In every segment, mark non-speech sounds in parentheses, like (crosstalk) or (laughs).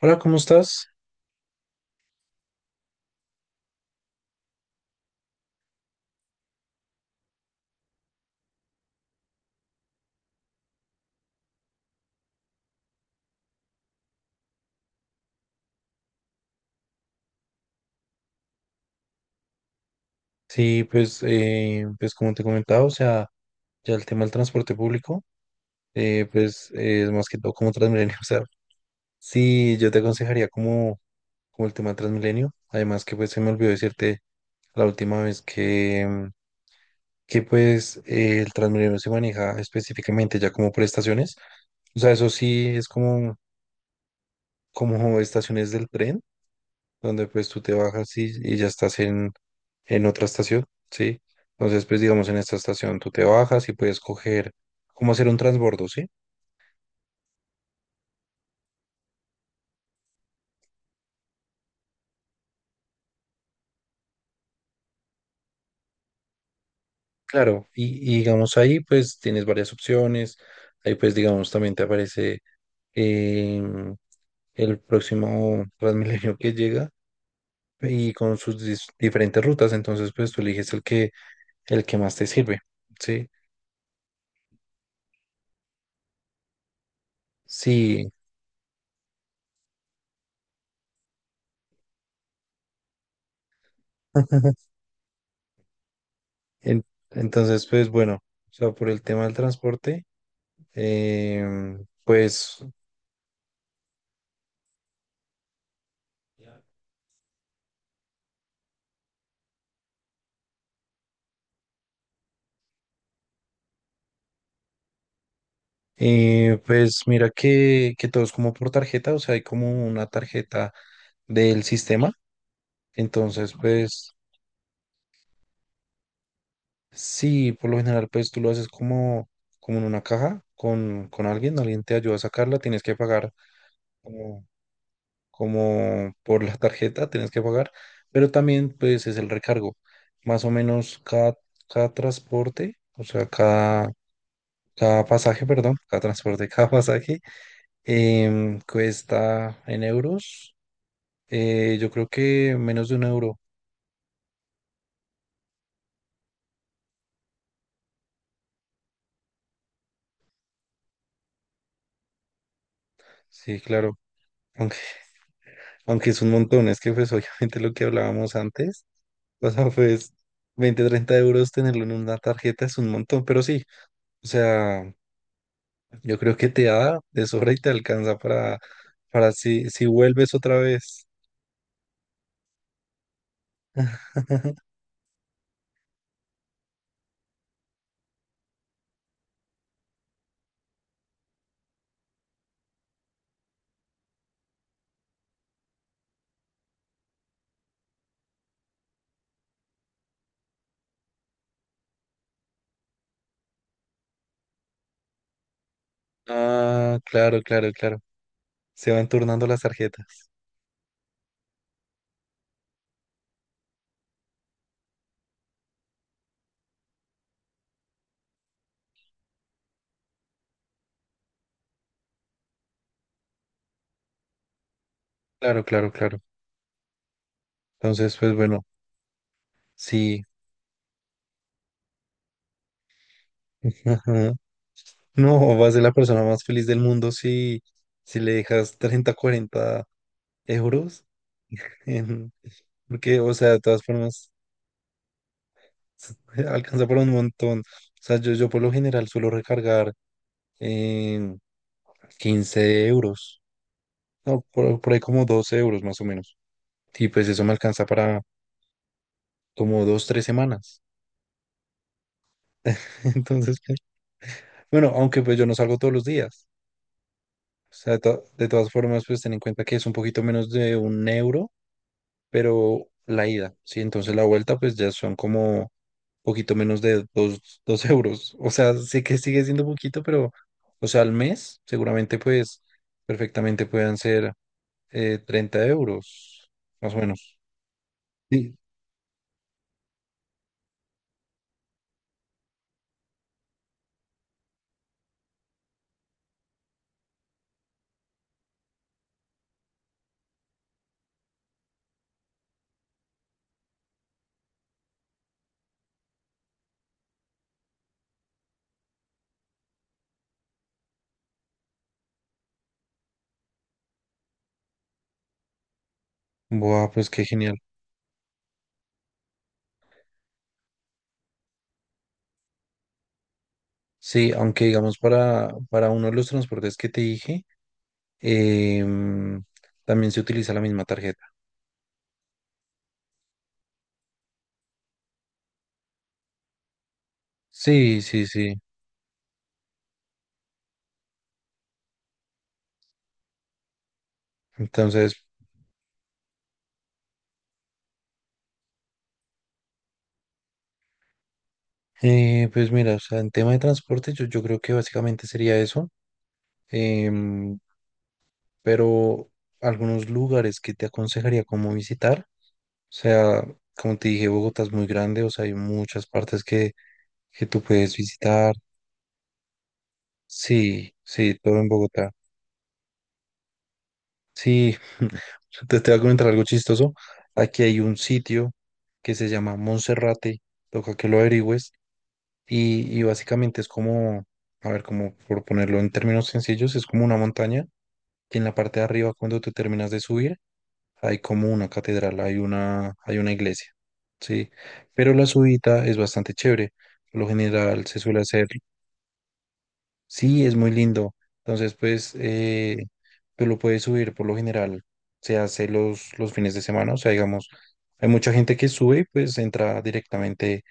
Hola, ¿cómo estás? Sí, pues, pues como te comentaba, o sea, ya el tema del transporte público, pues es más que todo como Transmilenio, (laughs) o sea, sí, yo te aconsejaría como, como el tema de Transmilenio, además que pues se me olvidó decirte la última vez que, que pues el Transmilenio se maneja específicamente ya como por estaciones, o sea, eso sí es como, como estaciones del tren, donde pues tú te bajas y ya estás en otra estación, ¿sí? Entonces, pues digamos, en esta estación tú te bajas y puedes coger cómo hacer un transbordo, ¿sí? Claro, y digamos ahí pues tienes varias opciones, ahí pues digamos también te aparece em, el próximo Transmilenio que llega y con sus diferentes rutas, entonces pues tú eliges el que más te sirve, ¿sí? Sí, (laughs) en- entonces pues bueno, o sea, por el tema del transporte, pues pues mira que todo es como por tarjeta, o sea, hay como una tarjeta del sistema. Entonces, pues sí, por lo general, pues tú lo haces como, como en una caja con alguien, alguien te ayuda a sacarla, tienes que pagar como, como por la tarjeta, tienes que pagar, pero también pues es el recargo. Más o menos cada, cada transporte, o sea, cada, cada pasaje, perdón, cada transporte, (laughs) cada pasaje, cuesta en euros. Yo creo que menos de un euro. Sí, claro. Aunque, aunque es un montón. Es que pues (laughs) obviamente lo que hablábamos antes. O sea, pues 20 30 euros tenerlo en una tarjeta es un montón. Pero sí, o sea, yo creo que te da de sobra y te alcanza para si, si vuelves otra vez. (laughs) Ah, claro, claro, claro. Se van turnando las tarjetas. Claro, claro, claro. Entonces, pues bueno, sí. (laughs) No, vas a ser la persona más feliz del mundo si, si le dejas 30 40 euros. en- Porque, o sea, de todas formas, se- (laughs) alcanza para un montón. O sea, yo por lo general suelo recargar eh, 15 euros. No, por ahí como 12 euros más o menos. Y pues eso me alcanza para como dos, tres semanas. (laughs) Entonces, pues, bueno, aunque pues yo no salgo todos los días. O sea, de, de todas formas, pues ten en cuenta que es un poquito menos de un euro pero la ida, ¿sí? Entonces la vuelta pues ya son como poquito menos de dos, dos (laughs) euros. O sea, sé que sigue siendo poquito, pero, o sea, al mes seguramente pues perfectamente puedan ser 30 euros, más o menos. Sí. Buah, pues qué genial. Sí, aunque digamos para uno de los transportes que te dije, em, también se utiliza la misma tarjeta. Sí, sí, sí. Entonces, pues mira, o sea, en tema de transporte, yo creo que básicamente sería eso. Em, pero algunos lugares que te aconsejaría como visitar, o sea, como te dije, Bogotá es muy grande, o sea, hay muchas partes que tú puedes visitar. Sí, sí, todo en Bogotá. Sí, (laughs) te voy a comentar algo chistoso. Aquí hay un sitio que se llama Monserrate, toca que lo averigües, y básicamente es como, a ver, como por ponerlo en términos sencillos, es como una montaña que en la parte de arriba, cuando te terminas de subir, hay como una catedral, hay una iglesia, ¿sí? Pero la subida es bastante chévere. Por lo general se suele hacer, sí, es muy lindo. Entonces, pues, tú lo puedes subir por lo general. Se hace los fines de semana, o sea, digamos, hay mucha gente que sube, pues entra directamente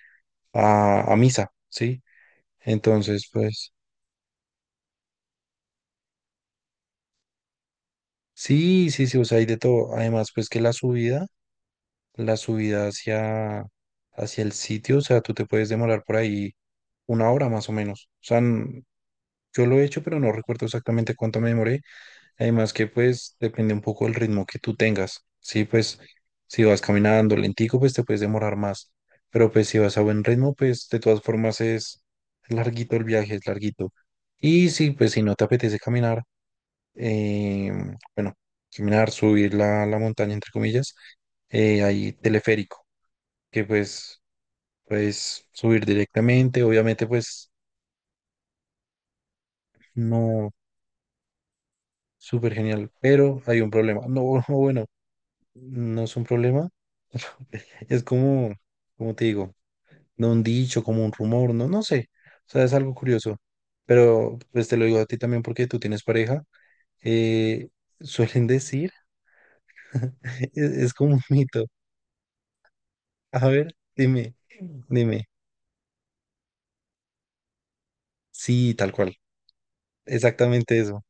a misa, ¿sí? Entonces, pues, sí, sí, sí, o sea, hay de todo. Además, pues que la subida hacia, hacia el sitio, o sea, tú te puedes demorar por ahí una hora más o menos. O sea, yo lo he hecho, pero no recuerdo exactamente cuánto me demoré. Además que pues depende un poco del ritmo que tú tengas. Sí, pues si vas caminando lentico, pues te puedes demorar más. Pero pues si vas a buen ritmo, pues de todas formas es larguito el viaje, es larguito. Y sí, pues si no te apetece caminar, eh, bueno, caminar, subir la, la montaña, entre comillas, hay teleférico que pues puedes subir directamente, obviamente pues no, súper genial, pero hay un problema. No, (laughs) bueno, no es un problema, (laughs) es como, como te digo, no un dicho, como un rumor, no, no sé, o sea, es algo curioso, pero pues te lo digo a ti también porque tú tienes pareja, eh, suelen decir, (laughs) es como un (laughs) mito. A ver, dime, dime, sí, tal cual, exactamente eso.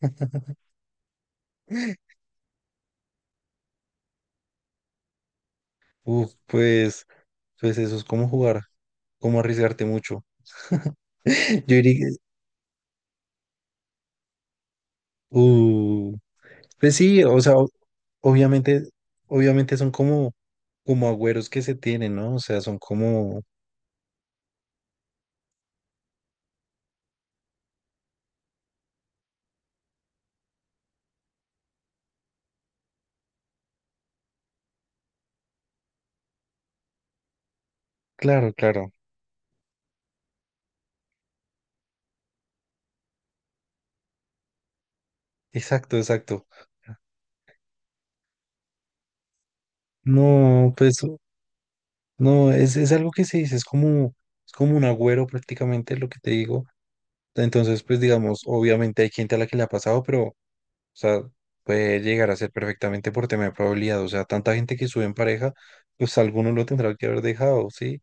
(laughs) Uf, pues, pues eso es como jugar, como arriesgarte mucho. (laughs) Yo diría, uh, pues sí, o sea, obviamente, obviamente son como, como agüeros que se tienen, ¿no? O sea, son como, claro, claro, exacto, exacto. No, pues, no, es algo que se dice, es como un agüero prácticamente lo que te digo. Entonces, pues digamos, obviamente hay gente a la que le ha pasado, pero o sea, puede llegar a ser perfectamente por tema de probabilidad. O sea, tanta gente que sube en pareja, pues alguno lo tendrá que haber dejado, ¿sí?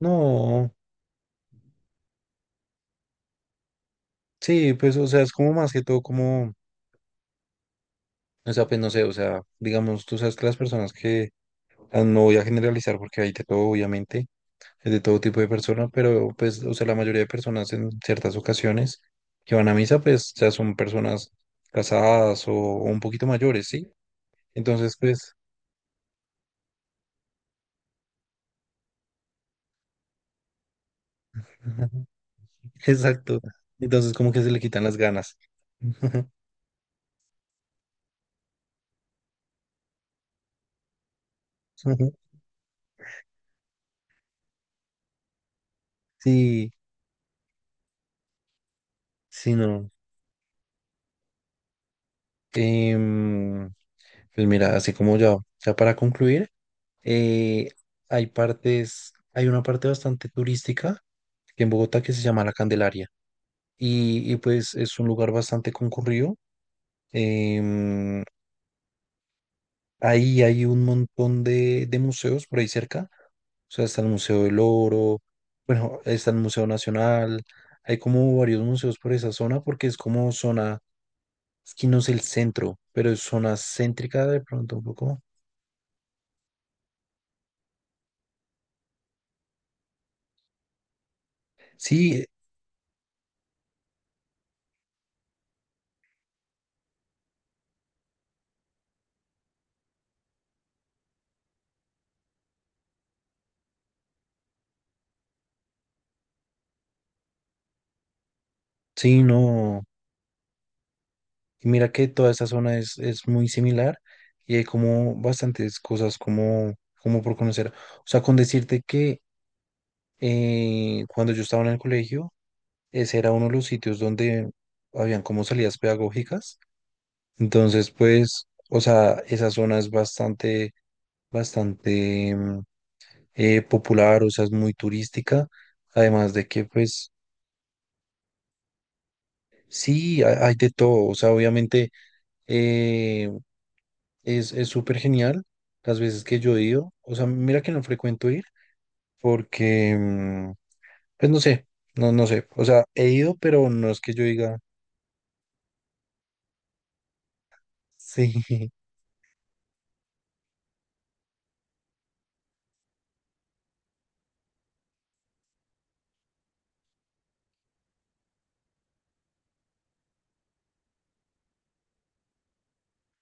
No, sí, pues, o sea, es como más que todo como, o sea, pues no sé, o sea, digamos, tú sabes que las personas que, ah, no voy a generalizar porque hay de todo, obviamente, es de todo tipo de personas, pero pues, o sea, la mayoría de personas en ciertas ocasiones que van a misa, pues, ya son personas casadas o un poquito mayores, ¿sí? Entonces, pues... (laughs) Exacto. Entonces como que se le quitan las ganas. (laughs) Sí, sí, no. Em, pues mira, así como ya, ya para concluir, eh, hay partes, hay una parte bastante turística que en Bogotá que se llama La Candelaria y pues es un lugar bastante concurrido. Em, Ahí hay un montón de museos por ahí cerca. O sea, está el Museo del Oro, bueno, está el Museo Nacional. Hay como varios museos por esa zona porque es como zona, es que no es el centro, pero es zona céntrica de pronto un poco. Sí, sí, no. Y mira que toda esta zona es muy similar y hay como bastantes cosas como, como por conocer. O sea, con decirte que cuando yo estaba en el colegio, ese era uno de los sitios donde habían como salidas pedagógicas. Entonces, pues, o sea, esa zona es bastante, bastante popular, o sea, es muy turística. Además de que, pues, sí, hay de todo. O sea, obviamente eh, es súper genial las veces que yo he ido. O sea, mira que no frecuento ir porque, pues, no sé, no, no sé. O sea, he ido, pero no es que yo diga, (laughs) sí,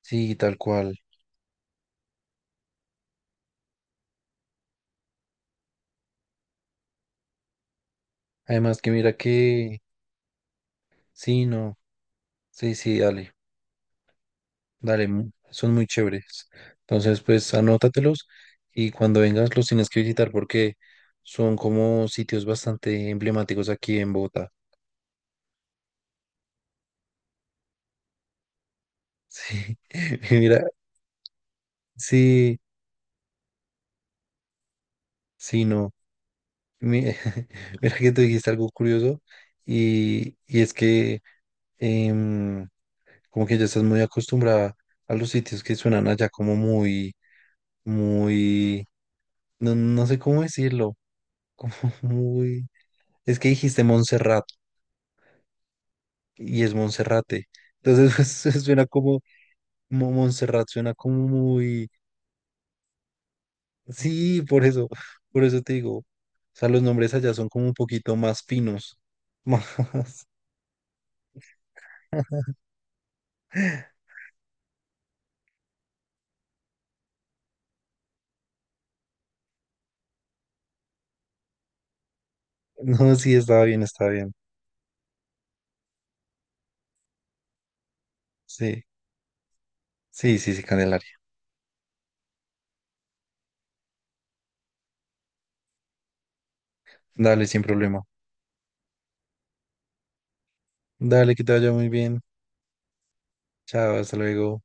sí, tal cual. Además que mira que sí, no, sí, sí, dale, dale, son muy chéveres. Entonces, pues anótatelos y cuando vengas los tienes que visitar porque son como sitios bastante emblemáticos aquí en Bogotá. Sí, (laughs) y mira, sí, sí, no. Mi- (laughs) Mira que tú dijiste algo curioso y es que em, como que ya estás muy acostumbrada a los sitios que suenan allá como muy, muy, no, no sé cómo decirlo como (laughs) muy... Es que dijiste Montserrat y es Monserrate. Entonces (laughs) pues, suena como, como Montserrat, suena como muy... Sí, por eso te digo. O sea, los nombres allá son como un poquito más finos. (laughs) Más... No, sí, estaba bien, estaba bien. Sí, sí, sí, sí, Candelaria. Dale, sin problema. Dale, que te vaya muy bien. Chao, hasta luego.